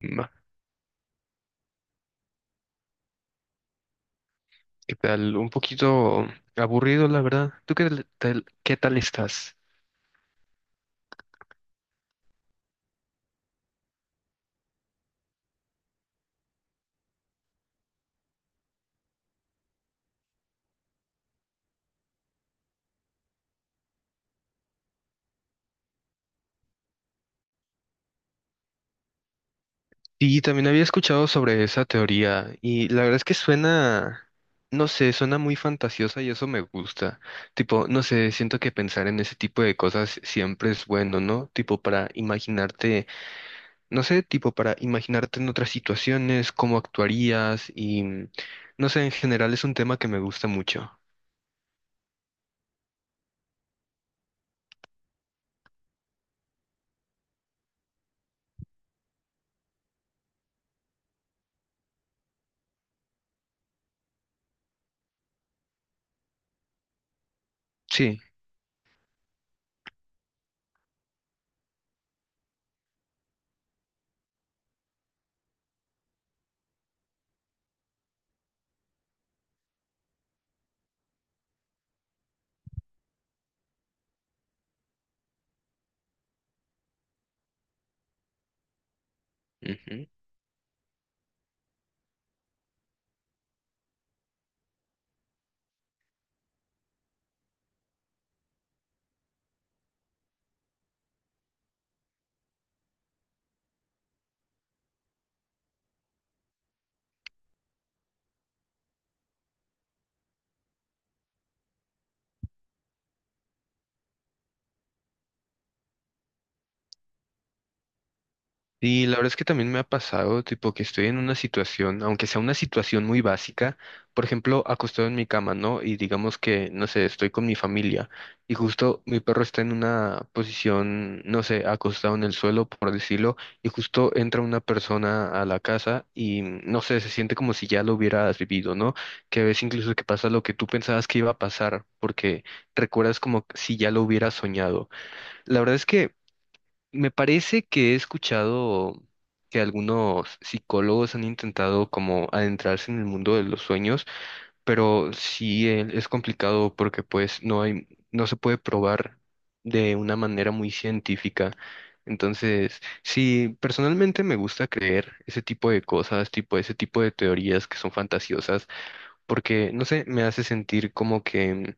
Va, ¿qué tal? Un poquito aburrido, la verdad. ¿Tú qué tal estás? Sí, también había escuchado sobre esa teoría y la verdad es que suena, no sé, suena muy fantasiosa y eso me gusta. Tipo, no sé, siento que pensar en ese tipo de cosas siempre es bueno, ¿no? Tipo para imaginarte, no sé, tipo para imaginarte en otras situaciones, cómo actuarías y, no sé, en general es un tema que me gusta mucho. Sí. Ujú. Y la verdad es que también me ha pasado, tipo, que estoy en una situación, aunque sea una situación muy básica, por ejemplo, acostado en mi cama, ¿no? Y digamos que, no sé, estoy con mi familia y justo mi perro está en una posición, no sé, acostado en el suelo, por decirlo, y justo entra una persona a la casa y, no sé, se siente como si ya lo hubieras vivido, ¿no? Que ves incluso que pasa lo que tú pensabas que iba a pasar, porque recuerdas como si ya lo hubieras soñado. La verdad es que... Me parece que he escuchado que algunos psicólogos han intentado como adentrarse en el mundo de los sueños, pero sí es complicado porque pues no hay, no se puede probar de una manera muy científica. Entonces, sí, personalmente me gusta creer ese tipo de cosas, tipo ese tipo de teorías que son fantasiosas, porque no sé, me hace sentir como que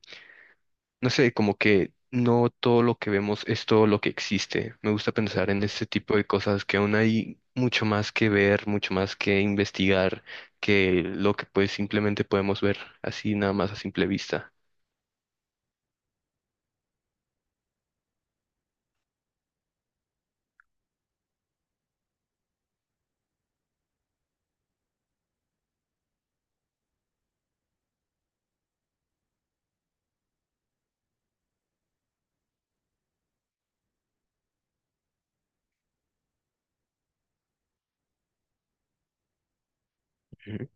no sé, como que no todo lo que vemos es todo lo que existe. Me gusta pensar en este tipo de cosas que aún hay mucho más que ver, mucho más que investigar, que lo que pues simplemente podemos ver así nada más a simple vista. Ujú.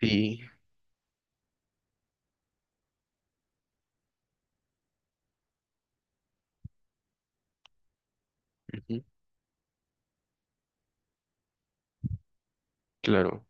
Sí, ujú, claro.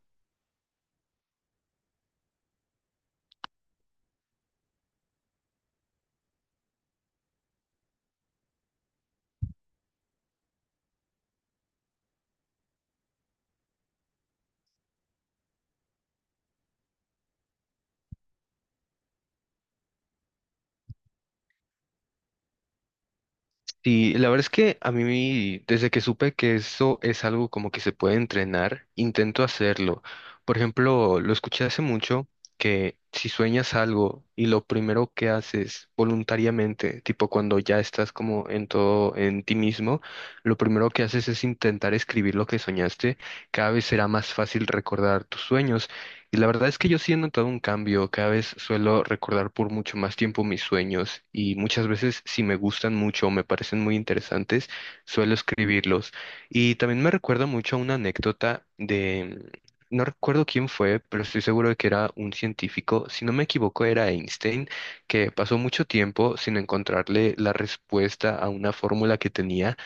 Sí, la verdad es que a mí, desde que supe que eso es algo como que se puede entrenar, intento hacerlo. Por ejemplo, lo escuché hace mucho que si sueñas algo y lo primero que haces voluntariamente, tipo cuando ya estás como en todo, en ti mismo, lo primero que haces es intentar escribir lo que soñaste, cada vez será más fácil recordar tus sueños. Y la verdad es que yo sí he notado un cambio. Cada vez suelo recordar por mucho más tiempo mis sueños y muchas veces si me gustan mucho o me parecen muy interesantes, suelo escribirlos. Y también me recuerda mucho a una anécdota de, no recuerdo quién fue, pero estoy seguro de que era un científico. Si no me equivoco, era Einstein, que pasó mucho tiempo sin encontrarle la respuesta a una fórmula que tenía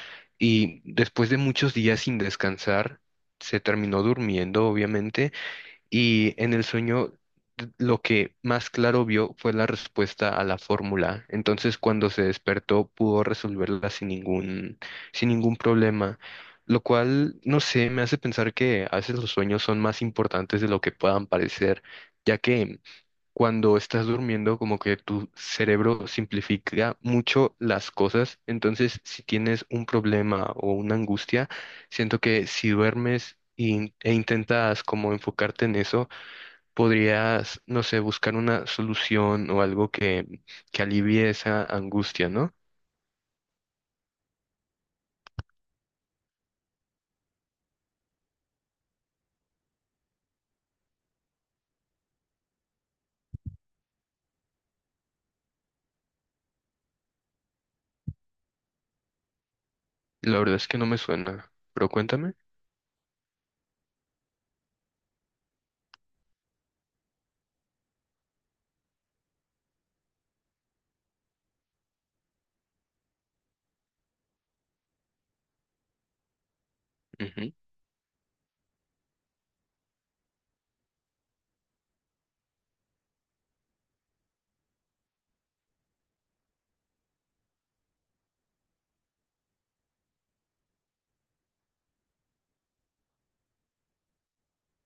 y después de muchos días sin descansar, se terminó durmiendo, obviamente y en el sueño lo que más claro vio fue la respuesta a la fórmula. Entonces, cuando se despertó, pudo resolverla sin ningún, sin ningún problema. Lo cual, no sé, me hace pensar que a veces los sueños son más importantes de lo que puedan parecer, ya que cuando estás durmiendo, como que tu cerebro simplifica mucho las cosas. Entonces, si tienes un problema o una angustia, siento que si duermes e intentas como enfocarte en eso, podrías, no sé, buscar una solución o algo que alivie esa angustia, ¿no? La verdad es que no me suena, pero cuéntame. Ujú,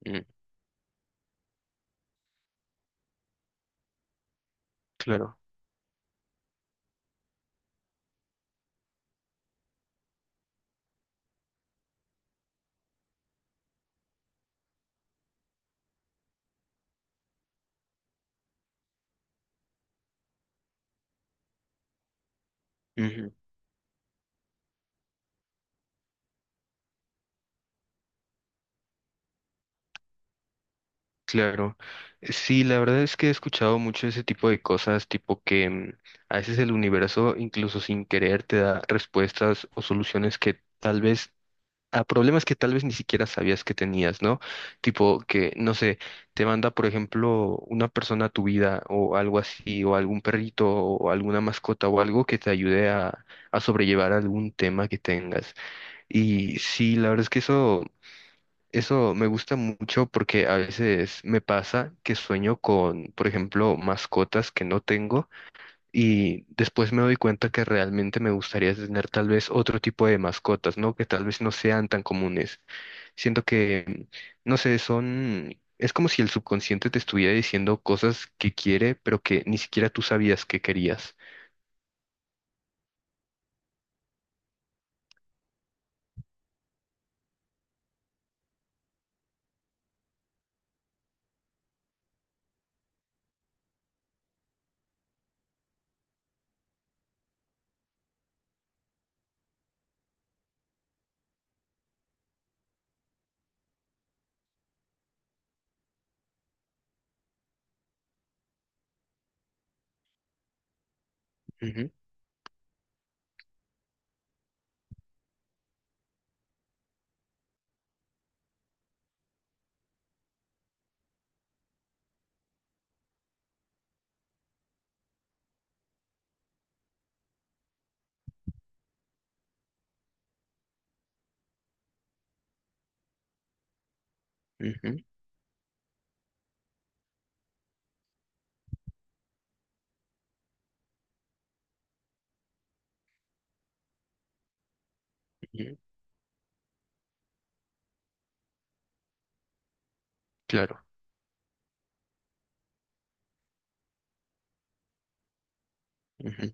mm, claro. Claro, sí, la verdad es que he escuchado mucho ese tipo de cosas, tipo que mm, a veces el universo, incluso sin querer, te da respuestas o soluciones que tal vez, a problemas que tal vez ni siquiera sabías que tenías, ¿no? Tipo que, no sé, te manda, por ejemplo, una persona a tu vida o algo así, o algún perrito o alguna mascota o algo que te ayude a sobrellevar algún tema que tengas. Y sí, la verdad es que eso... Eso me gusta mucho porque a veces me pasa que sueño con, por ejemplo, mascotas que no tengo y después me doy cuenta que realmente me gustaría tener tal vez otro tipo de mascotas, ¿no? Que tal vez no sean tan comunes. Siento que, no sé, son... Es como si el subconsciente te estuviera diciendo cosas que quiere, pero que ni siquiera tú sabías que querías. Ujú, ujú, ujú, claro, ujú,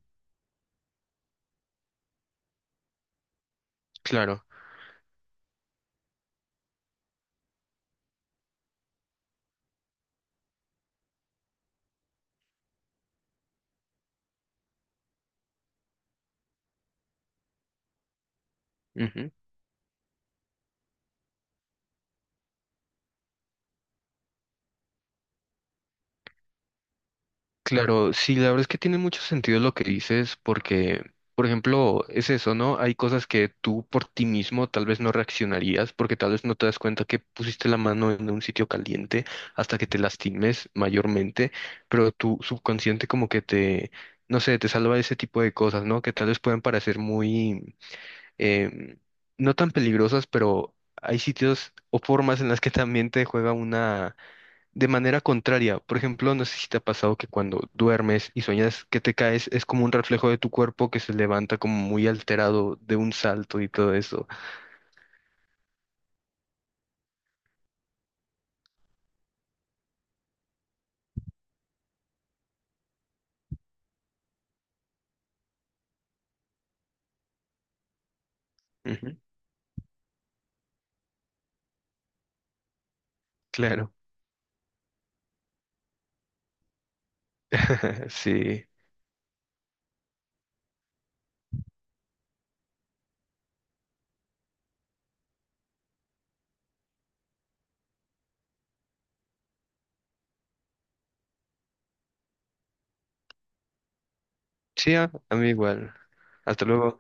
claro. Claro, sí, la verdad es que tiene mucho sentido lo que dices porque, por ejemplo, es eso, ¿no? Hay cosas que tú por ti mismo tal vez no reaccionarías porque tal vez no te das cuenta que pusiste la mano en un sitio caliente hasta que te lastimes mayormente, pero tu subconsciente como que te, no sé, te salva de ese tipo de cosas, ¿no? Que tal vez pueden parecer muy, em, no tan peligrosas, pero hay sitios o formas en las que también te juega de manera contraria. Por ejemplo, no sé si te ha pasado que cuando duermes y sueñas que te caes, es como un reflejo de tu cuerpo que se levanta como muy alterado de un salto y todo eso. Ujú, claro, sí. Sí, a mí igual. Hasta luego.